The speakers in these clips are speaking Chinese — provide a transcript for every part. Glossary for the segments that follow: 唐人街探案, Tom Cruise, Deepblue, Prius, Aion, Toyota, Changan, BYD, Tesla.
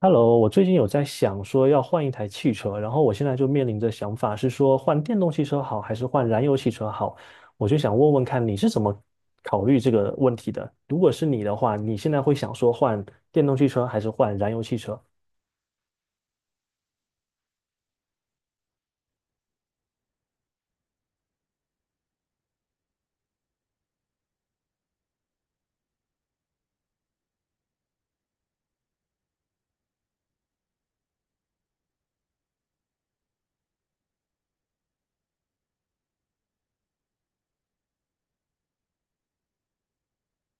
Hello，我最近有在想说要换一台汽车，然后我现在就面临着想法是说换电动汽车好还是换燃油汽车好，我就想问问看你是怎么考虑这个问题的？如果是你的话，你现在会想说换电动汽车还是换燃油汽车？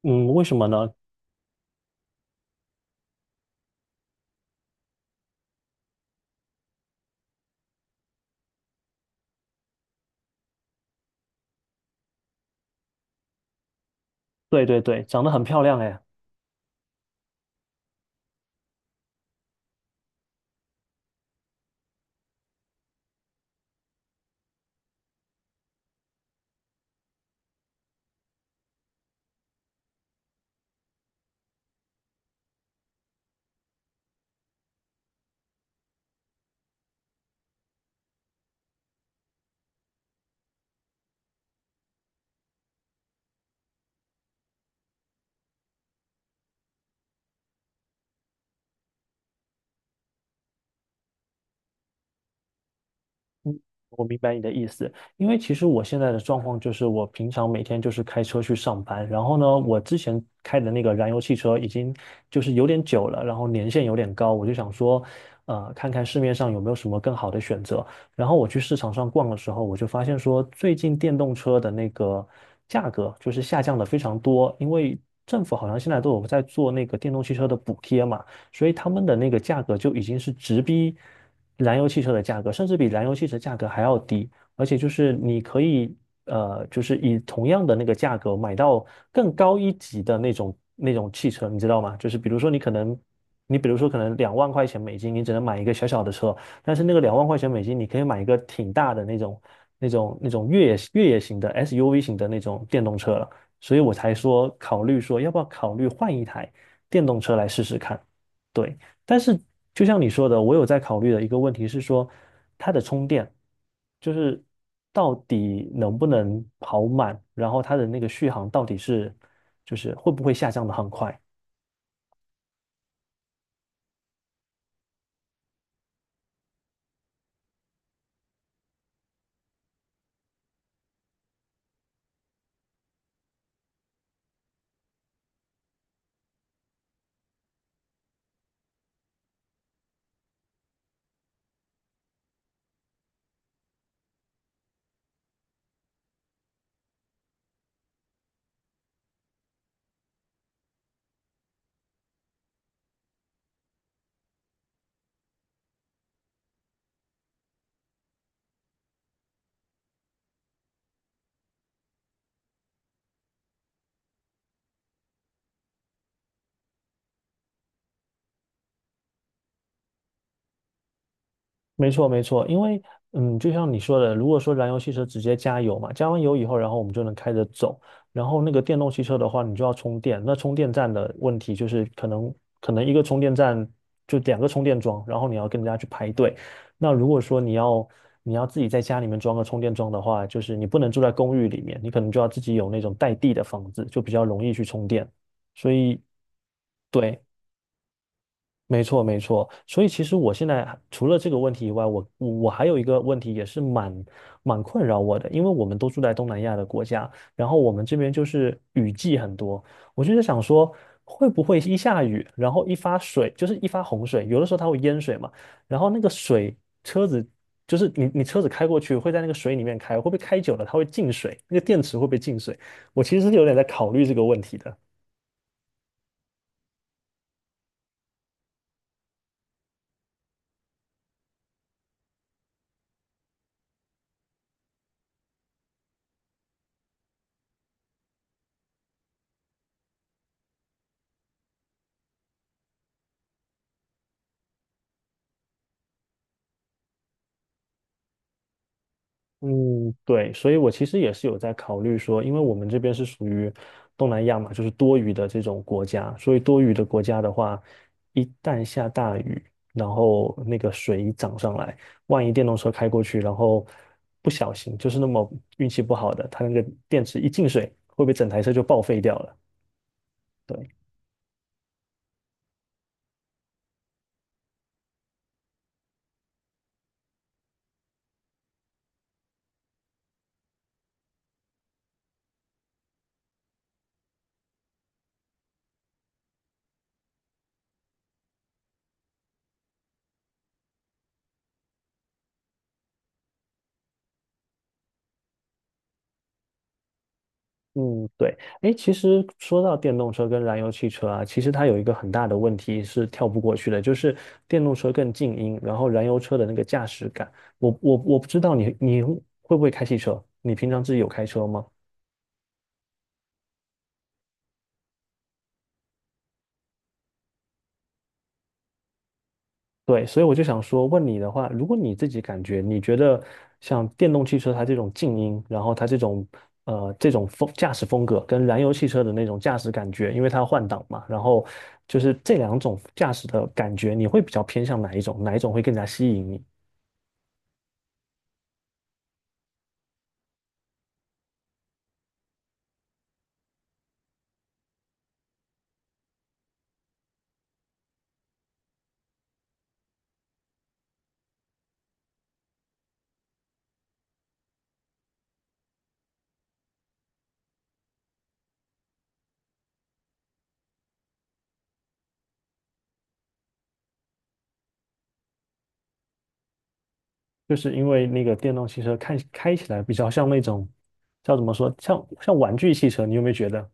嗯，为什么呢？对对对，长得很漂亮哎。我明白你的意思，因为其实我现在的状况就是，我平常每天就是开车去上班，然后呢，我之前开的那个燃油汽车已经就是有点久了，然后年限有点高，我就想说，看看市面上有没有什么更好的选择。然后我去市场上逛的时候，我就发现说，最近电动车的那个价格就是下降的非常多，因为政府好像现在都有在做那个电动汽车的补贴嘛，所以他们的那个价格就已经是直逼燃油汽车的价格，甚至比燃油汽车价格还要低，而且就是你可以就是以同样的那个价格买到更高一级的那种汽车，你知道吗？就是比如说你可能。你比如说，可能两万块钱美金，你只能买一个小小的车，但是那个两万块钱美金，你可以买一个挺大的那种、那种、那种越野型的 SUV 型的那种电动车了。所以我才说考虑说要不要考虑换一台电动车来试试看。对，但是就像你说的，我有在考虑的一个问题是说，它的充电就是到底能不能跑满，然后它的那个续航到底是就是会不会下降的很快？没错，没错，因为嗯，就像你说的，如果说燃油汽车直接加油嘛，加完油以后，然后我们就能开着走。然后那个电动汽车的话，你就要充电。那充电站的问题就是，可能一个充电站就两个充电桩，然后你要跟人家去排队。那如果说你要自己在家里面装个充电桩的话，就是你不能住在公寓里面，你可能就要自己有那种带地的房子，就比较容易去充电。所以，对，没错，没错。所以其实我现在还除了这个问题以外，我还有一个问题也是蛮困扰我的，因为我们都住在东南亚的国家，然后我们这边就是雨季很多，我就在想说，会不会一下雨，然后一发水，就是一发洪水，有的时候它会淹水嘛，然后那个水车子就是你车子开过去会在那个水里面开，会不会开久了它会进水，那个电池会不会进水？我其实是有点在考虑这个问题的。嗯，对，所以我其实也是有在考虑说，因为我们这边是属于东南亚嘛，就是多雨的这种国家，所以多雨的国家的话，一旦下大雨，然后那个水一涨上来，万一电动车开过去，然后不小心就是那么运气不好的，它那个电池一进水，会不会整台车就报废掉了？对。嗯，对，哎，其实说到电动车跟燃油汽车啊，其实它有一个很大的问题是跳不过去的，就是电动车更静音，然后燃油车的那个驾驶感。我不知道你会不会开汽车，你平常自己有开车吗？对，所以我就想说，问你的话，如果你自己感觉，你觉得像电动汽车它这种静音，然后它这种这种风驾驶风格，跟燃油汽车的那种驾驶感觉，因为它要换挡嘛，然后就是这两种驾驶的感觉，你会比较偏向哪一种？哪一种会更加吸引你？就是因为那个电动汽车看开起来比较像那种叫怎么说，像玩具汽车，你有没有觉得？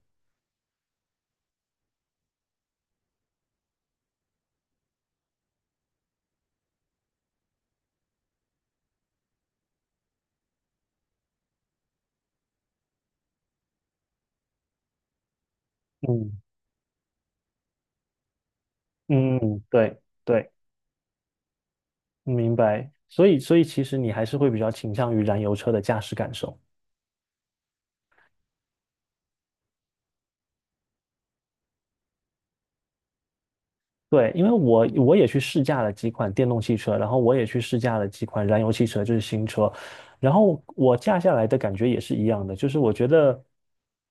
嗯嗯，对对。明白。所以，所以其实你还是会比较倾向于燃油车的驾驶感受。对，因为我也去试驾了几款电动汽车，然后我也去试驾了几款燃油汽车，就是新车，然后我驾下来的感觉也是一样的，就是我觉得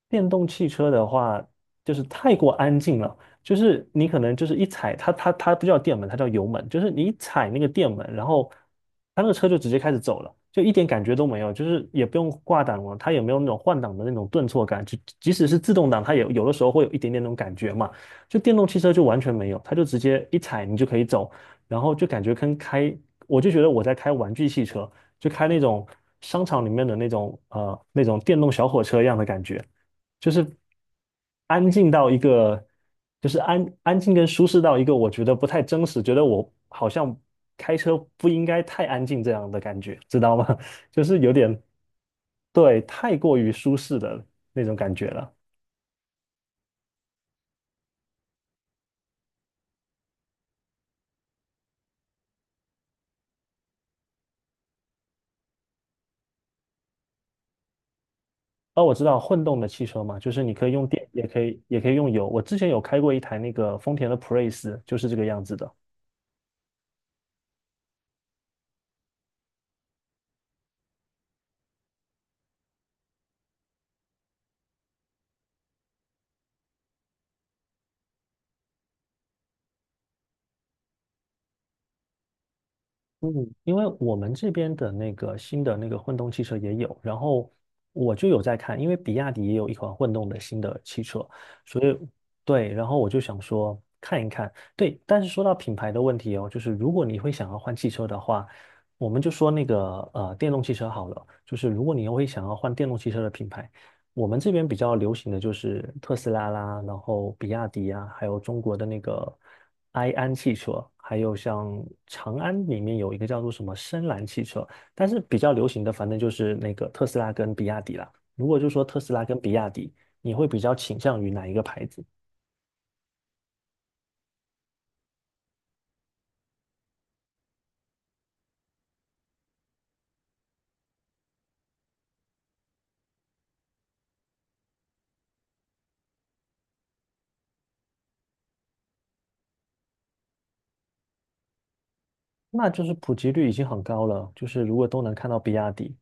电动汽车的话，就是太过安静了，就是你可能就是一踩它，它不叫电门，它叫油门，就是你一踩那个电门，然后它那个车就直接开始走了，就一点感觉都没有，就是也不用挂挡了，它也没有那种换挡的那种顿挫感，就即使是自动挡，它也有的时候会有一点点那种感觉嘛。就电动汽车就完全没有，它就直接一踩你就可以走，然后就感觉跟开，我就觉得我在开玩具汽车，就开那种商场里面的那种那种电动小火车一样的感觉，就是安静到一个，就是安安静跟舒适到一个我觉得不太真实，觉得我好像开车不应该太安静这样的感觉，知道吗？就是有点对太过于舒适的那种感觉了。哦，我知道混动的汽车嘛，就是你可以用电，也可以用油。我之前有开过一台那个丰田的普锐斯，就是这个样子的。嗯，因为我们这边的那个新的那个混动汽车也有，然后我就有在看，因为比亚迪也有一款混动的新的汽车，所以对，然后我就想说看一看。对，但是说到品牌的问题哦，就是如果你会想要换汽车的话，我们就说那个电动汽车好了，就是如果你会想要换电动汽车的品牌。我们这边比较流行的就是特斯拉啦，然后比亚迪啊，还有中国的那个埃安汽车，还有像长安里面有一个叫做什么深蓝汽车，但是比较流行的反正就是那个特斯拉跟比亚迪啦。如果就说特斯拉跟比亚迪，你会比较倾向于哪一个牌子？那就是普及率已经很高了，就是如果都能看到比亚迪，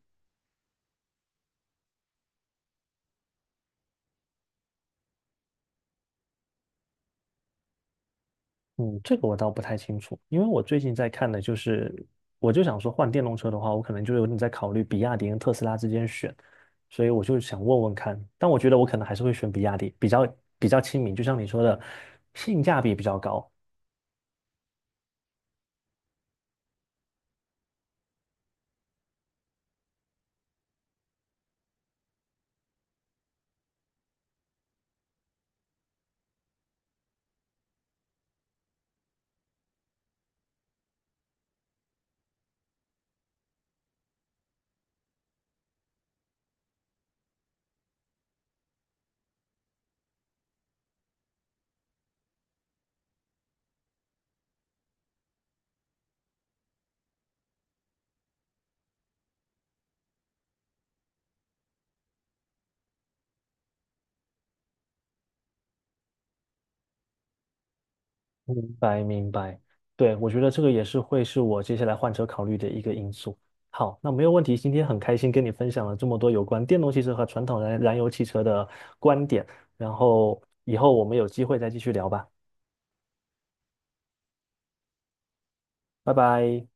嗯，这个我倒不太清楚，因为我最近在看的就是，我就想说换电动车的话，我可能就有点在考虑比亚迪跟特斯拉之间选，所以我就想问问看，但我觉得我可能还是会选比亚迪，比较亲民，就像你说的，性价比比较高。明白，明白。对，我觉得这个也是会是我接下来换车考虑的一个因素。好，那没有问题，今天很开心跟你分享了这么多有关电动汽车和传统燃油汽车的观点，然后以后我们有机会再继续聊吧，拜拜。